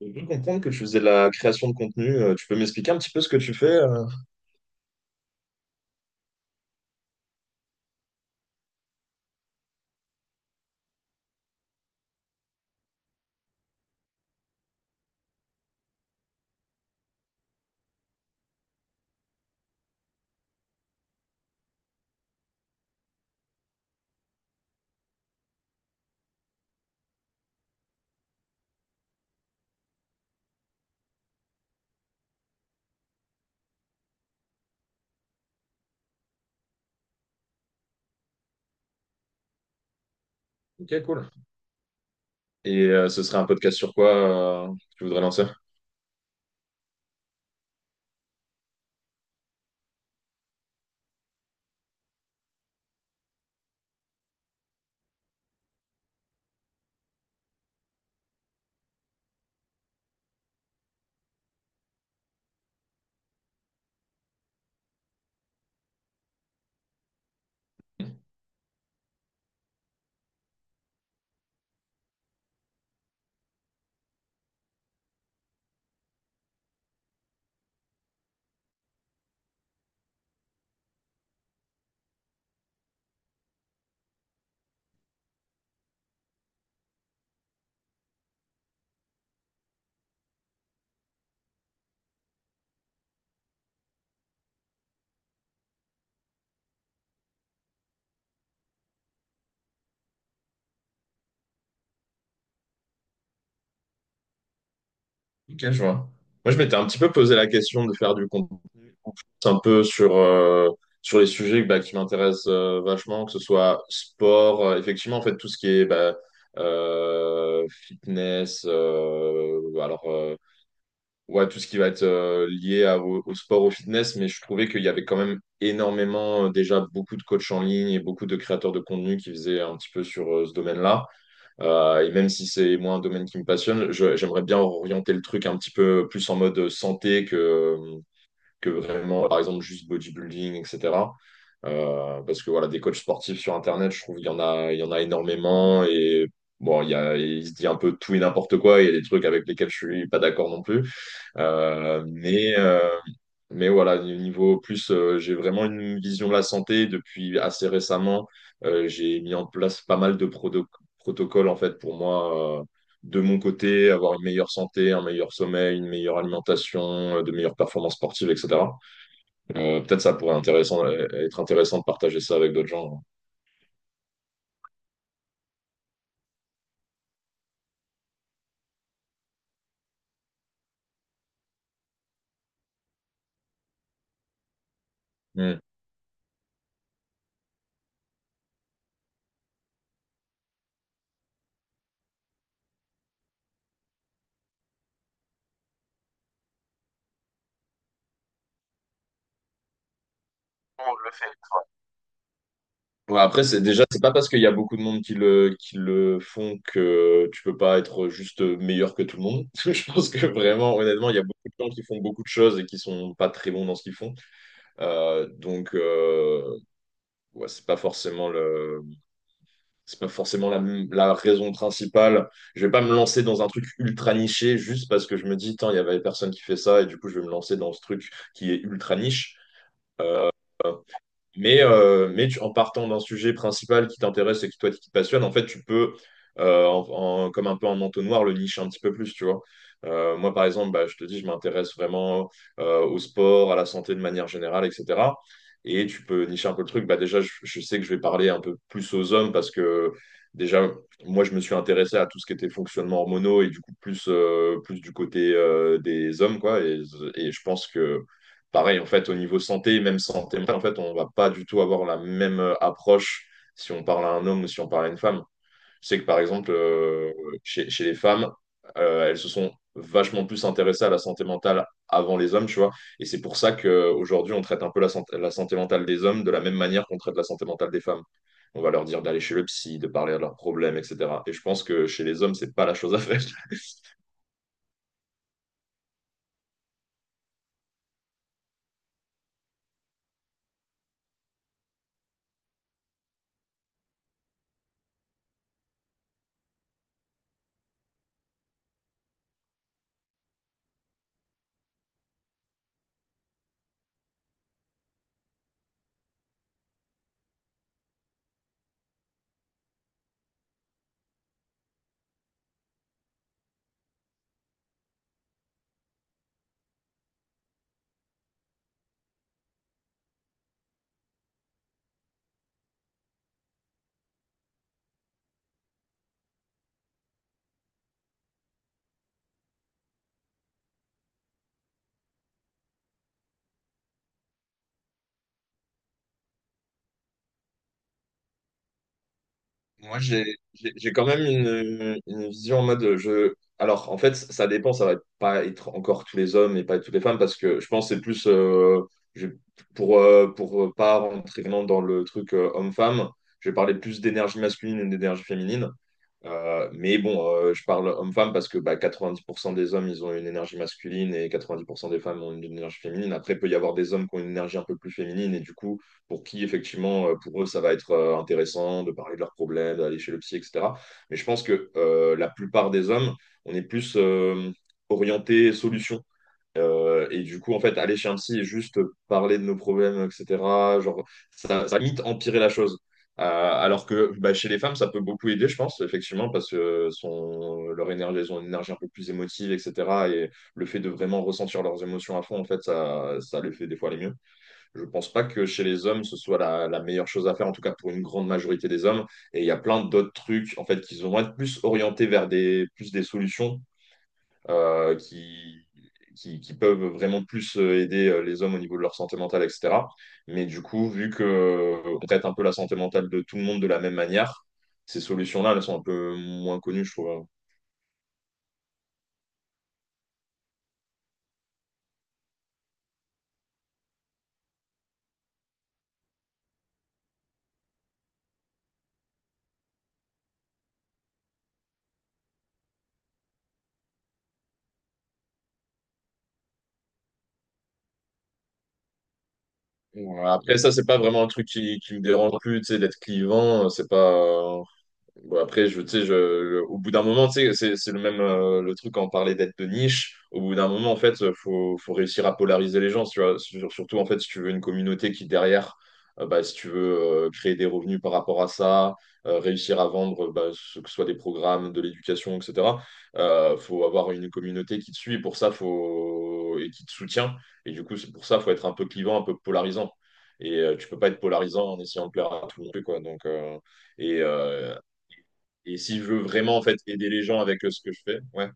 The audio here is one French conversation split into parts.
J'ai cru comprendre que tu faisais de la création de contenu. Tu peux m'expliquer un petit peu ce que tu fais? Ok, cool. Et ce serait un podcast sur quoi que tu voudrais lancer? Ok, je vois. Moi, je m'étais un petit peu posé la question de faire du contenu un peu sur, sur les sujets qui m'intéressent vachement, que ce soit sport, effectivement, en fait, tout ce qui est bah, fitness, ouais, tout ce qui va être lié au, au sport, au fitness, mais je trouvais qu'il y avait quand même énormément, déjà beaucoup de coachs en ligne et beaucoup de créateurs de contenu qui faisaient un petit peu sur ce domaine-là. Et même si c'est moi un domaine qui me passionne, j'aimerais bien orienter le truc un petit peu plus en mode santé que vraiment, par exemple, juste bodybuilding, etc. Parce que voilà, des coachs sportifs sur Internet, je trouve qu'il y en a, il y en a énormément et bon, il se dit un peu tout et n'importe quoi. Il y a des trucs avec lesquels je suis pas d'accord non plus. Euh, mais, euh, mais voilà, au niveau plus, j'ai vraiment une vision de la santé depuis assez récemment. J'ai mis en place pas mal de protocoles en fait pour moi. De mon côté, avoir une meilleure santé, un meilleur sommeil, une meilleure alimentation, de meilleures performances sportives, etc. Peut-être ça pourrait intéressant, être intéressant de partager ça avec d'autres gens. Hmm. On le fait. Ouais, après, c'est déjà, c'est pas parce qu'il y a beaucoup de monde qui qui le font que tu peux pas être juste meilleur que tout le monde. Je pense que vraiment, honnêtement, il y a beaucoup de gens qui font beaucoup de choses et qui sont pas très bons dans ce qu'ils font. Euh, donc, euh, ouais, c'est pas forcément la, la raison principale. Je vais pas me lancer dans un truc ultra niché juste parce que je me dis, tiens, il y avait personne qui fait ça et du coup, je vais me lancer dans ce truc qui est ultra niche. Mais, en partant d'un sujet principal qui t'intéresse et qui toi qui te passionne, en fait, tu peux, comme un peu en entonnoir, le nicher un petit peu plus, tu vois. Moi, par exemple, bah, je te dis, je m'intéresse vraiment au sport, à la santé de manière générale, etc. Et tu peux nicher un peu le truc. Bah, déjà, je sais que je vais parler un peu plus aux hommes parce que déjà, moi, je me suis intéressé à tout ce qui était fonctionnement hormonaux et du coup, plus, plus du côté des hommes, quoi. Et je pense que pareil, en fait, au niveau santé, même santé mentale, en fait, on va pas du tout avoir la même approche si on parle à un homme ou si on parle à une femme. Je sais que, par exemple, chez les femmes, elles se sont vachement plus intéressées à la santé mentale avant les hommes, tu vois. Et c'est pour ça qu'aujourd'hui, on traite un peu la santé mentale des hommes de la même manière qu'on traite la santé mentale des femmes. On va leur dire d'aller chez le psy, de parler de leurs problèmes, etc. Et je pense que chez les hommes, c'est pas la chose à faire. Moi, j'ai quand même une vision en mode je. Alors, en fait, ça dépend, ça va pas être encore tous les hommes et pas toutes les femmes, parce que je pense que c'est plus je- pour pas rentrer vraiment dans le truc homme-femme, je vais parler plus d'énergie masculine et d'énergie féminine. Je parle homme-femme parce que bah, 90% des hommes, ils ont une énergie masculine et 90% des femmes ont une énergie féminine. Après, il peut y avoir des hommes qui ont une énergie un peu plus féminine et du coup, pour qui, effectivement, pour eux, ça va être intéressant de parler de leurs problèmes, d'aller chez le psy, etc. Mais je pense que la plupart des hommes, on est plus orienté solution et du coup, en fait, aller chez un psy et juste parler de nos problèmes, etc., genre, ça va limite empirer la chose. Alors que bah, chez les femmes, ça peut beaucoup aider, je pense, effectivement, parce que son, leur énergie, elles ont une énergie un peu plus émotive, etc. Et le fait de vraiment ressentir leurs émotions à fond, en fait, ça les fait des fois aller mieux. Je pense pas que chez les hommes, ce soit la meilleure chose à faire, en tout cas pour une grande majorité des hommes. Et il y a plein d'autres trucs, en fait, qui vont être plus orientés vers plus des solutions euh, qui, qui peuvent vraiment plus aider les hommes au niveau de leur santé mentale, etc. Mais du coup, vu qu'on traite un peu la santé mentale de tout le monde de la même manière, ces solutions-là, elles sont un peu moins connues, je trouve. Bon, après, ça, c'est pas vraiment un truc qui me dérange plus, tu sais, d'être clivant, c'est pas. Bon, après, je, tu sais, je- au bout d'un moment, tu sais, c'est le même le truc quand on parlait d'être de niche. Au bout d'un moment, en fait, faut réussir à polariser les gens. Tu vois, surtout, en fait, si tu veux une communauté qui, derrière, si tu veux créer des revenus par rapport à ça, réussir à vendre, ce que ce soit des programmes, de l'éducation, etc., faut avoir une communauté qui te suit. Pour ça, faut... et qui te soutient. Et du coup, c'est pour ça, faut être un peu clivant, un peu polarisant. Et tu peux pas être polarisant en essayant de plaire à tout le monde, quoi. Et, euh, et si je veux vraiment en fait aider les gens avec ce que je fais, ouais.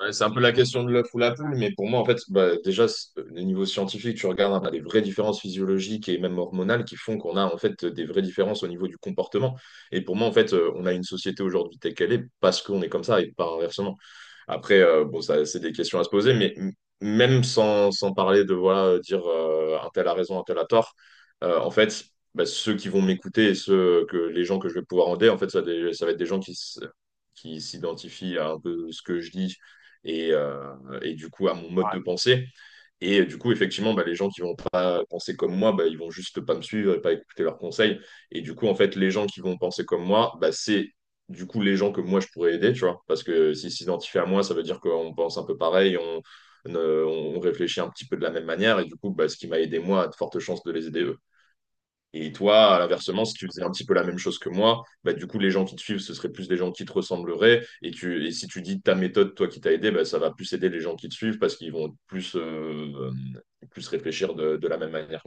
Ouais, c'est un peu la question de l'œuf ou la poule, mais pour moi en fait, bah, déjà au niveau scientifique, tu regardes hein, t'as des vraies différences physiologiques et même hormonales qui font qu'on a en fait des vraies différences au niveau du comportement. Et pour moi en fait, on a une société aujourd'hui telle qu'elle est parce qu'on est comme ça et pas inversement. Après, ça, c'est des questions à se poser, mais même sans, sans parler de voilà, dire un tel a raison, un tel a tort, en fait, bah, ceux qui vont m'écouter et ceux que les gens que je vais pouvoir aider, en fait, ça va être des gens qui s'identifient à un peu ce que je dis et, euh, et du coup à mon mode Ouais. de pensée. Et du coup, effectivement, bah, les gens qui vont pas penser comme moi, bah, ils vont juste pas me suivre et pas écouter leurs conseils. Et du coup, en fait, les gens qui vont penser comme moi, bah, c'est du coup les gens que moi je pourrais aider, tu vois. Parce que s'ils s'identifient à moi, ça veut dire qu'on pense un peu pareil, on réfléchit un petit peu de la même manière, et du coup, bah, ce qui m'a aidé moi a de fortes chances de les aider eux. Et toi, à l'inversement, si tu faisais un petit peu la même chose que moi, bah, du coup, les gens qui te suivent, ce seraient plus des gens qui te ressembleraient. Et si tu dis ta méthode, toi qui t'as aidé, bah, ça va plus aider les gens qui te suivent parce qu'ils vont plus, plus réfléchir de la même manière.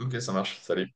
Ok, ça marche. Salut.